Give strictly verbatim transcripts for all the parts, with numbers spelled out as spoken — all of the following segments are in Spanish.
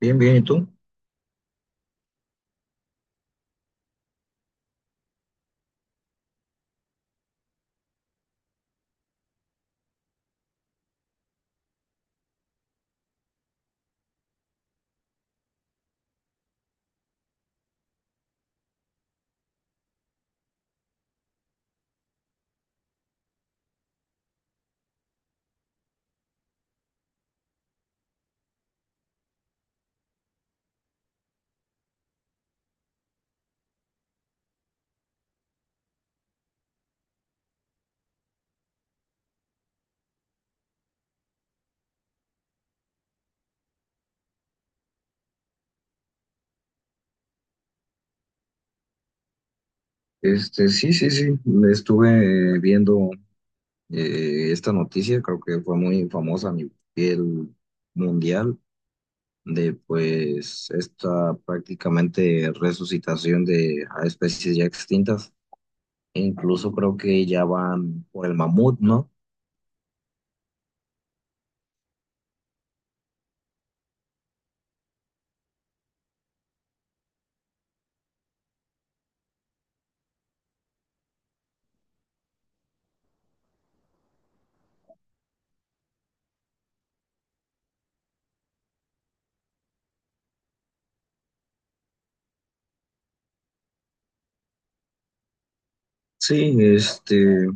Bien, bien, ¿y tú? Este, sí, sí, sí, estuve eh, viendo eh, esta noticia, creo que fue muy famosa a nivel mundial, de pues esta prácticamente resucitación de a especies ya extintas, e incluso creo que ya van por el mamut, ¿no? Sí, este,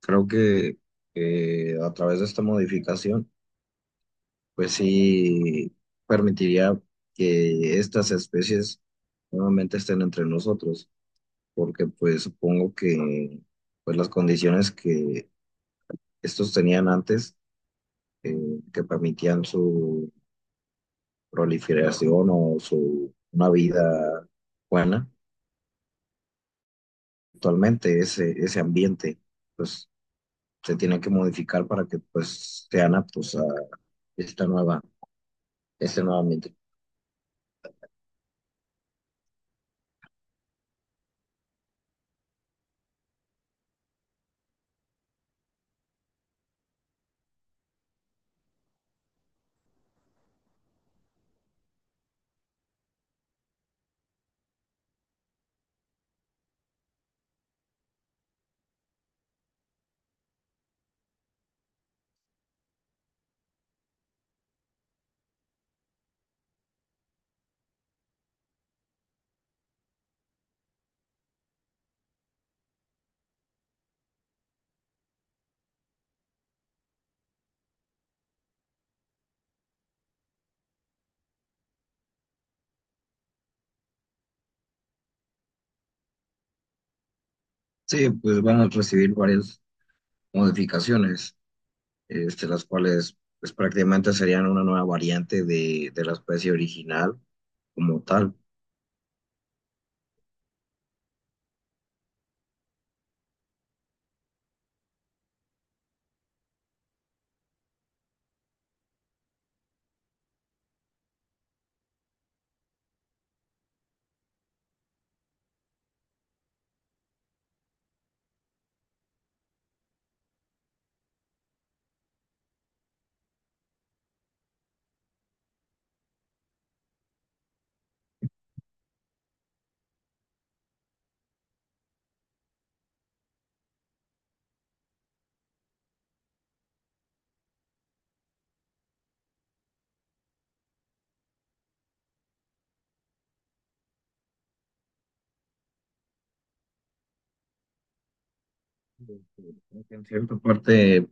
creo que eh, a través de esta modificación, pues sí permitiría que estas especies nuevamente estén entre nosotros. Porque pues supongo que pues las condiciones que estos tenían antes, eh, que permitían su proliferación o su una vida buena, actualmente ese, ese ambiente pues se tiene que modificar para que pues sean aptos a esta nueva, este nuevo ambiente. Sí, pues van a recibir varias modificaciones, este, las cuales pues prácticamente serían una nueva variante de, de la especie original como tal. Creo que en cierta parte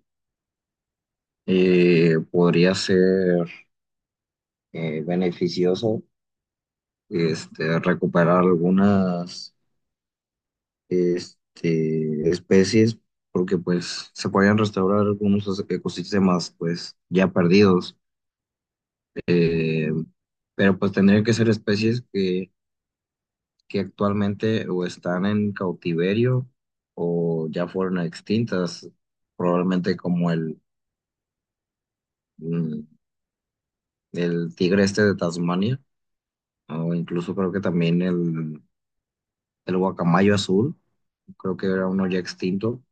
eh, podría ser eh, beneficioso, este, recuperar algunas, este, especies, porque pues se podrían restaurar algunos ecos- ecosistemas pues ya perdidos. Eh, pero pues tendrían que ser especies que, que actualmente o están en cautiverio o ya fueron extintas, probablemente como el, mm, el tigre este de Tasmania. O incluso creo que también el, el guacamayo azul, creo que era uno ya extinto.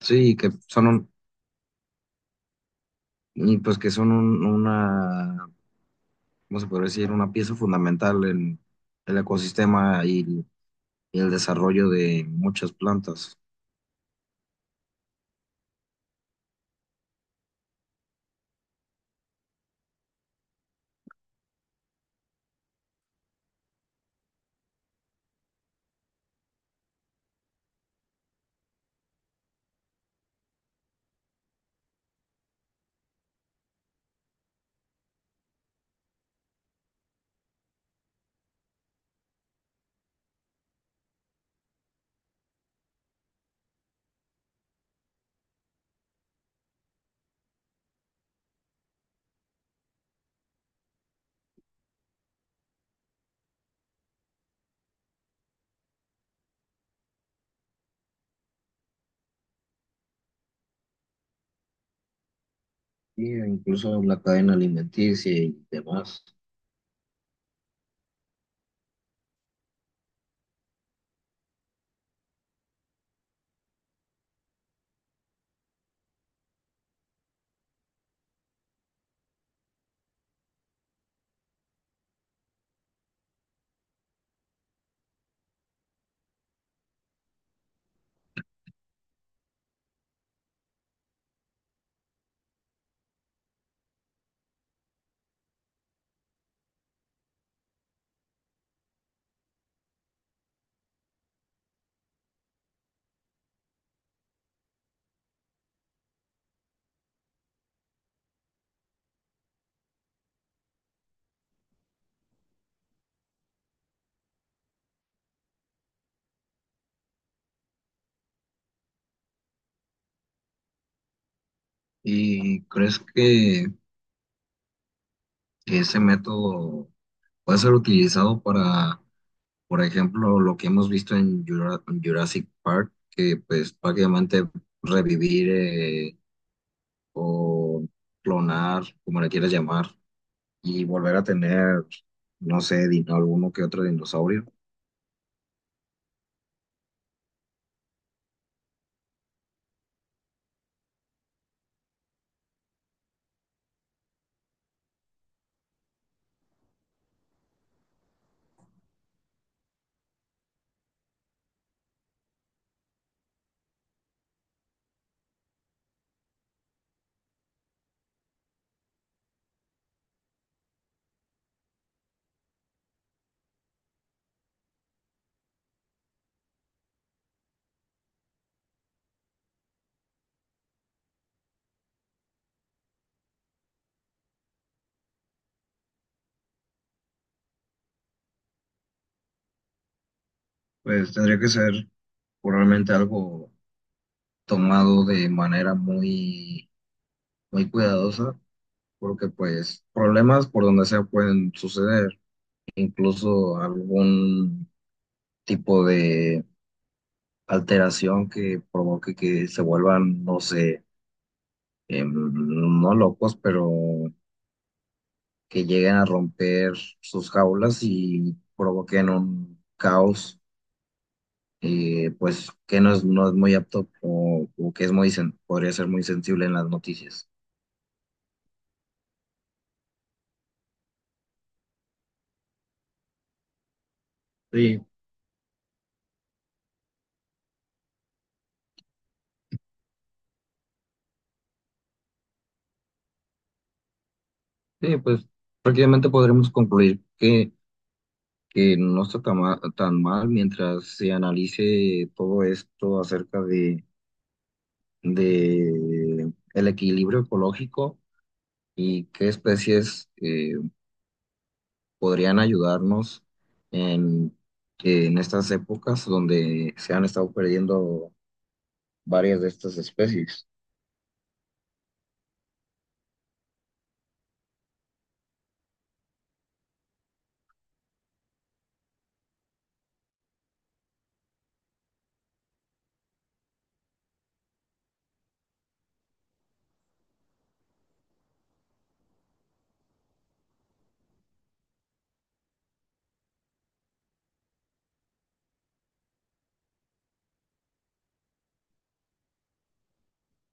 Sí, que son un- y pues que son un- una, ¿cómo se podría decir? Una pieza fundamental en el ecosistema y, y el desarrollo de muchas plantas. Y incluso la cadena alimenticia y demás. ¿Y crees que, que ese método puede ser utilizado para, por ejemplo, lo que hemos visto en Jura- Jurassic Park? Que pues prácticamente revivir, eh, o clonar, como le quieras llamar, y volver a tener, no sé, dino, alguno que otro dinosaurio, pues tendría que ser probablemente algo tomado de manera muy, muy cuidadosa, porque pues problemas por donde sea pueden suceder, incluso algún tipo de alteración que provoque que se vuelvan, no sé, em, no locos, pero que lleguen a romper sus jaulas y provoquen un caos. Eh, pues que no es, no es muy apto o, o que es muy, sen- podría ser muy sensible en las noticias. Sí, sí, pues prácticamente podremos concluir que, que no está tan ma- tan mal, mientras se analice todo esto acerca de, de el equilibrio ecológico. Y qué especies eh, podrían ayudarnos en, en estas épocas donde se han estado perdiendo varias de estas especies.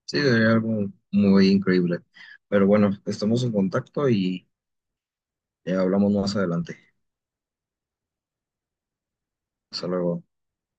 Sí, sería algo muy increíble. Pero bueno, estamos en contacto y eh, hablamos más adelante. Hasta luego.